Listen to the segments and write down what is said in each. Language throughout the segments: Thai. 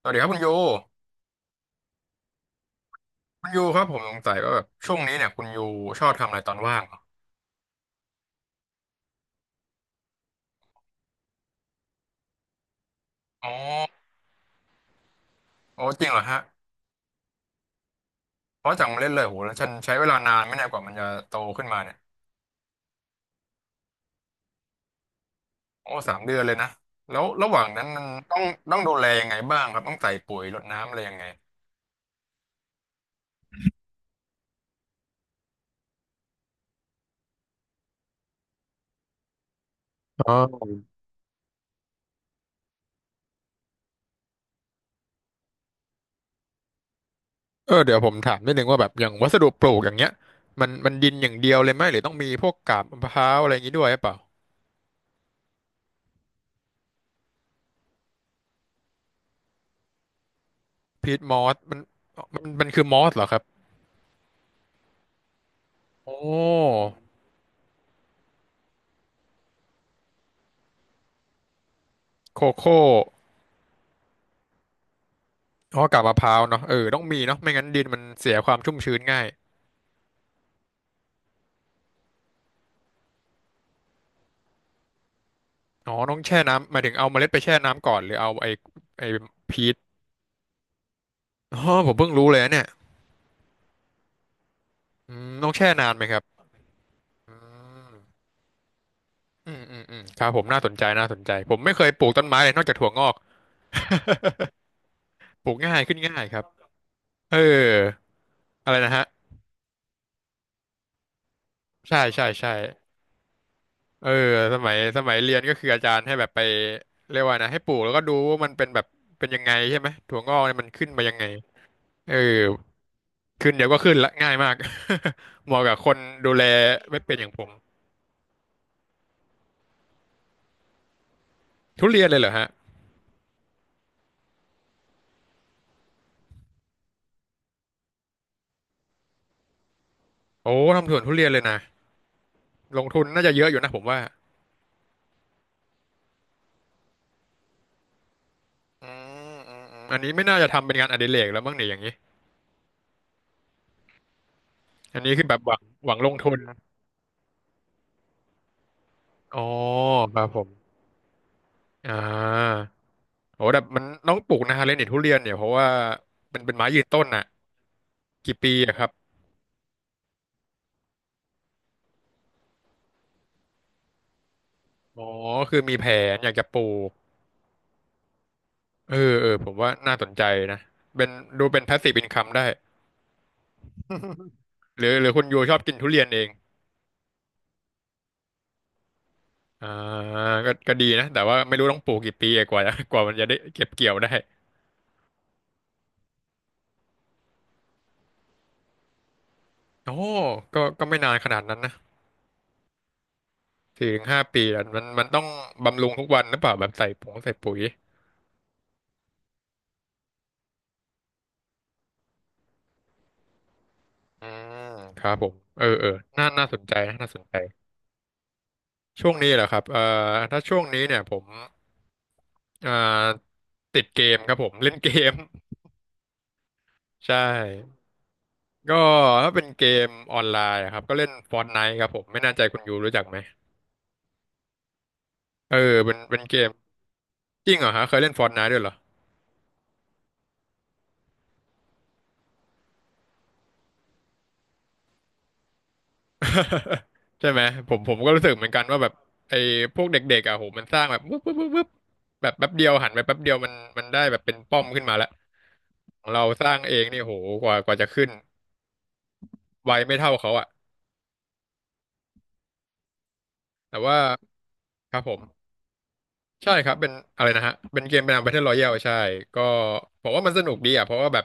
สวัสดีครับคุณยูคุณยูครับผมสงสัยว่าแบบช่วงนี้เนี่ยคุณยูชอบทำอะไรตอนว่างเหรออ๋อโอ้จริงเหรอฮะเพราะจากมาเล่นเลยโหแล้วฉันใช้เวลานานไหม่แน่ยกว่ามันจะโตขึ้นมาเนี่ยโอ้สามเดือนเลยนะแล้วระหว่างนั้นมันต้องต้องดูแลยังไงบ้างครับต้องใส่ปุ๋ยรดน้ำอะไรยังไงอ๋อเออเดี๋ยวผมถามนิดนึงว่าแบบอย่างวัสดุปลูกอย่างเงี้ยมันดินอย่างเดียวเลยไหมหรือต้องมีพวกกาบมะพร้าวอะไรอย่างงี้ด้วยหรือเปล่าพีทมอสมันมันคือมอสเหรอครับโอ้โคโค่ อ๋อกาบมะพร้าวเนาะเออต้องมีเนาะไม่งั้นดินมันเสียความชุ่มชื้นง่ายอ๋อต้องแช่น้ำหมายถึงเอาเมล็ดไปแช่น้ำก่อนหรือเอาไอ้ไอ้พีชอ๋อผมเพิ่งรู้เลยนะเนี่ยอืมต้องแช่นานไหมครับอืมอืมอืมอืมครับผมน่าสนใจน่าสนใจผมไม่เคยปลูกต้นไม้เลยนอกจากถั่วงอกปลูกง่ายขึ้นง่ายครับเอออะไรนะฮะใช่ใช่ใช่เออสมัยเรียนก็คืออาจารย์ให้แบบไปเรียกว่านะให้ปลูกแล้วก็ดูว่ามันเป็นแบบเป็นยังไงใช่ไหมถั่วงอกเนี่ยมันขึ้นมายังไงเออ ขึ้นเดี๋ยวก็ขึ้นละง่ายมาก เหมาะกับคนดูแลไม่เป็นอย่างผมทุเรียนเลยเหรอฮะโอ้ทำสวนทุเรียนเลยนะลงทุนน่าจะเยอะอยู่นะผมว่าอืมอืมอืมอันนี้ไม่น่าจะทำเป็นงานอดิเรกแล้วมั้งเนี่ยอย่างนี้อันนี้คือแบบหวังลงทุนอ๋อครับผมอ่าโอ้แต่มันต้องปลูกนานเลยนี่ทุเรียนเนี่ยเพราะว่ามันเป็นไม้ยืนต้นน่ะกี่ปีอะครับอ๋อคือมีแผนอยากจะปลูกเออเออผมว่าน่าสนใจนะเป็นดูเป็น passive income ได้หรือหรือคุณยูชอบกินทุเรียนเอง อ่าก็ก็ดีนะแต่ว่าไม่รู้ต้องปลูกกี่ปีอะกว่าจะ กว่ามันจะได้เก็บเกี่ยวได้โอ้ก็ก็ไม่นานขนาดนั้นนะสี่ถึงห้าปีอะมันต้องบำรุงทุกวันหรือเปล่าแบบใส่ผงใส่ปุ๋ยอืมครับผมเออเออน่าน่าสนใจนะน่าสนใจช่วงนี้เหรอครับถ้าช่วงนี้เนี่ยผมอ่าติดเกมครับผมเล่นเกม ใช่ก็ถ้าเป็นเกมออนไลน์อะครับก็เล่น Fortnite ครับผมไม่แน่ใจคุณยูรู้จักไหมเออเป็นเกมจริงเหรอฮะเคยเล่น Fortnite ด้วยเหรอ ใช่ไหมผมก็รู้สึกเหมือนกันว่าแบบไอ้พวกเด็กๆอ่ะโหมันสร้างแบบวึบวึบวึบวึบแบบแป๊บเดียวหันไปแป๊บเดียวมันมันได้แบบเป็นป้อมขึ้นมาแล้วของเราสร้างเองนี่โหกว่าจะขึ้นไวไม่เท่าเขาอ่ะแต่ว่าครับผมใช่ครับเป็นอะไรนะฮะเป็นเกมเป็น Battle Royale ใช่ก็ผมว่ามันสนุกดีอ่ะเพราะว่าแบบ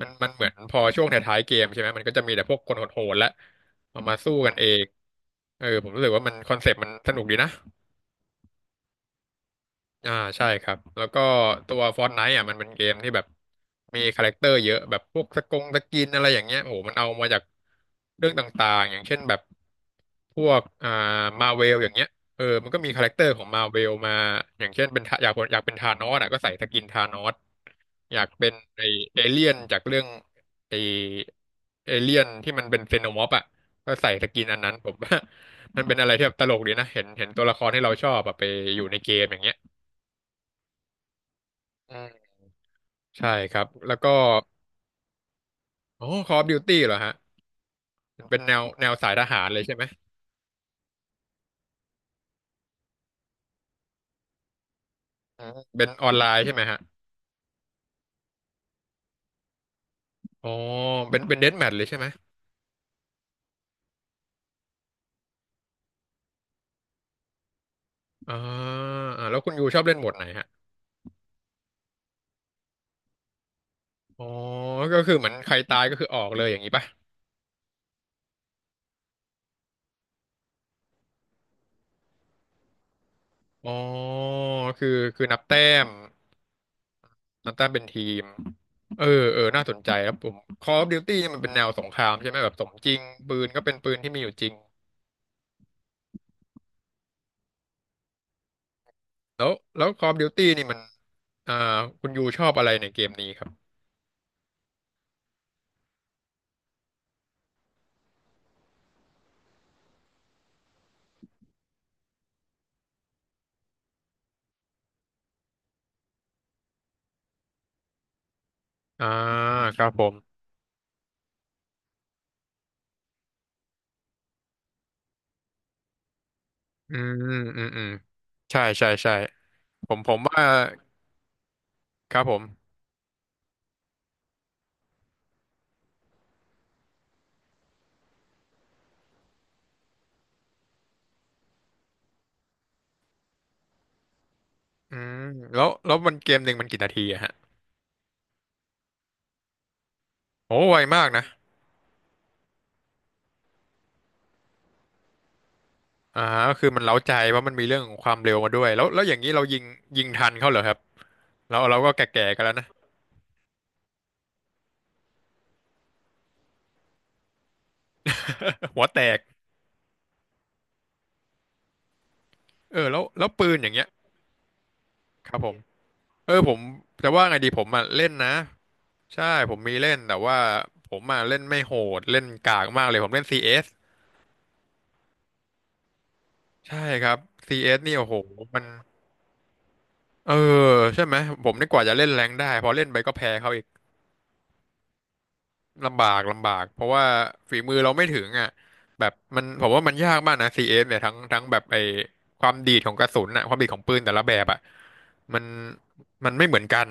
มันเหมือนพอช่วงท้ายๆเกมใช่ไหมมันก็จะมีแต่พวกคนโหดๆและเอามาสู้กันเองเออผมรู้สึกว่ามันคอนเซปต์มันสนุกดีนะ อ่าใช่ครับแล้วก็ตัว Fortnite อ่ะมันเป็นเกมที่แบบมีคาแรคเตอร์เยอะแบบพวกสกงสกินอะไรอย่างเงี้ยโอ้โหมันเอามาจากเรื่องต่างๆอย่างเช่นแบบพวกอ่ามาเวลอย่างเงี้ยเออมันก็มีคาแรคเตอร์ของมาเวลมาอย่างเช่นเป็นทะอยากเป็นธานอสอ่ะก็ใส่สกินธานอสอยากเป็นไอเอเลี่ยนจากเรื่องไอเอเลี่ยนที่มันเป็นเซโนมอร์ฟอ่ะก็ใส่สกินอันนั้นผม ว่า มันเป็นอะไรที่แบบตลกดีนะเห็นตัวละครที่เราชอบอะไปอยู่ในเกมอย่างเงี้ย อืมใช่ครับแล้วก็ออ Call of Duty เหรอฮะเป็นแนวสายทหารเลยใช่ไหมอืมเป็นออนไลน์ใช่ไหมฮะอ๋อเป็นเดธแมทเลยใช่ไหมอ่าอ่าแล้วคุณยูชอบเล่นโหมดไหนฮะอ๋อก็คือเหมือนใครตายก็คือออกเลยอย่างนี้ป่ะอ๋อคือคือมนับแต้มเป็นทีมเออเออน่าสนใจครับผม Call of Duty เนี่ยมันเป็นแนวสงครามใช่ไหมแบบสมจริงปืนก็เป็นปืนที่มีอยู่จริง แล้วแล้ว Call of Duty นี่มันอ่าคุณยูชอบอะไรในเกมนี้ครับอ่าครับผมอืมอืมอืมใช่ใช่ใช่ผมว่าครับผมอืมแล้วมันเกมหนึ่งมันกี่นาทีอะฮะโอ้ไวมากนะอ่าก็คือมันเร้าใจว่าะมันมีเรื่องของความเร็วมาด้วยแล้วอย่างนี้เรายิงทันเขาเหรอครับเราก็แก่ๆกันแล้วนะ หัวแตกเออแล้วปืนอย่างเงี้ยครับผม เออผมแต่ว่าไงดีผมอ่ะเล่นนะใช่ผมมีเล่นแต่ว่าผมอ่ะเล่นไม่โหดเล่นกากมากเลยผมเล่น CS ใช่ครับซีเอสนี่โอ้โหมันเออใช่ไหมผมนี่กว่าจะเล่นแรงค์ได้พอเล่นไปก็แพ้เขาอีกลำบากเพราะว่าฝีมือเราไม่ถึงอ่ะแบบมันผมว่ามันยากมากนะ CS เอสเนี่ยทั้งแบบไอ้ความดีดของกระสุนอ่ะความดีดของปืนแต่ละแบบอ่ะมันมันไม่เหมือนกัน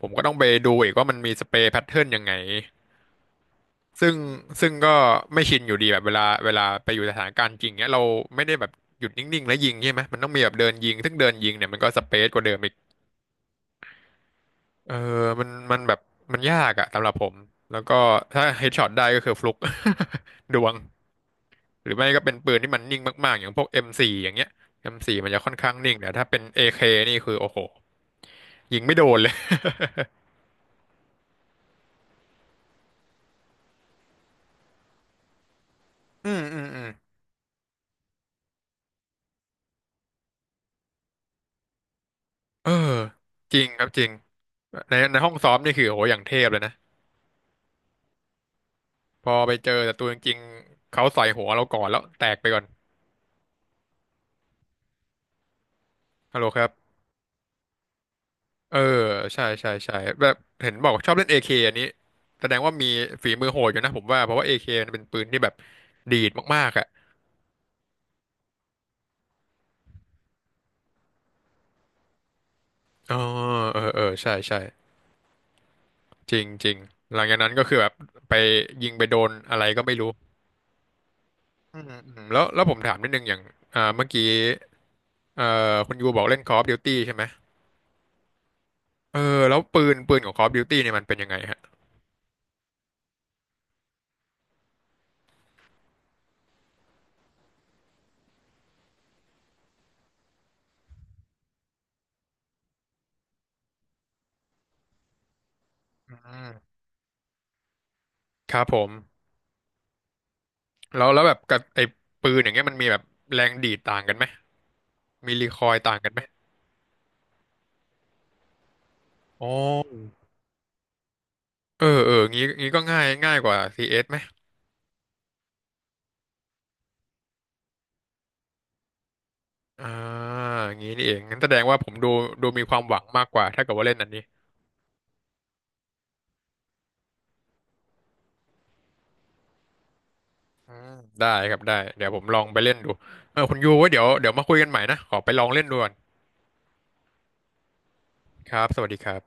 ผมก็ต้องไปดูอีกว่ามันมีสเปรย์แพทเทิร์นยังไง ซึ่งซึ่งก็ไม่ชินอยู่ดีแบบเวลาไปอยู่สถานการณ์จริงเนี้ยเราไม่ได้แบบหยุดนิ่งๆแล้วยิงใช่ไหมมันต้องมีแบบเดินยิงซึ่งเดินยิงเนี่ยมันก็สเปซกว่าเดิมอีกเออมันแบบมันยากอะสำหรับผมแล้วก็ถ้าเฮดช็อตได้ก็คือฟลุก ดวงหรือไม่ก็เป็นปืนที่มันนิ่งมากๆอย่างพวก M4 อมโฟร์อย่างเงี้ย M4 มโฟร์มันจะค่อนข้างนิ่งแต่ถ้าเป็น AK นี่คือโอ้โหยิงไม่โดนเลย อืมอืมอืมเออจริงครับจริงในห้องซ้อมนี่คือโอ้โหอย่างเทพเลยนะ พอไปเจอศัตรูจริงๆเขาใส่หัวเราก่อนแล้วแตกไปก่อนฮัลโหลครับเออใช่ใช่ใช่แบบเห็นบอกว่าชอบเล่นเอเคอันนี้แสดงว่ามีฝีมือโหดอยู่นะผมว่าเพราะว่าเอเคมันเป็นปืนที่แบบดีดมากๆอ่ะอ๋อเออเออใช่ใช่จริงจริงหลังจากนั้นก็คือแบบไปยิงไปโดนอะไรก็ไม่รู้อืมอืมแล้วผมถามนิดนึงอย่างเมื่อกี้เอ่อคุณยูบอกเล่น Call of Duty ใช่ไหมเออแล้วปืนของ Call of Duty เนี่ยมันเป็นยังไงฮะอืมครับผม แล้วแบบกับไอ้ปืนอย่างเงี้ยมันมีแบบแรงดีดต่างกันไหมมีรีคอยต่างกันไหมอ๋อเออเอองี้ก็ง่ายกว่า CS ไหมอ่างี้นี่เองงั้นแสดงว่าผมดูมีความหวังมากกว่าถ้าเกิดว่าเล่นอันนี้อืมได้ครับได้เดี๋ยวผมลองไปเล่นดูเออคุณยูไว่าเดี๋ยวมาคุยกันใหม่นะขอไปลองเล่นดูก่อนครับสวัสดีครับ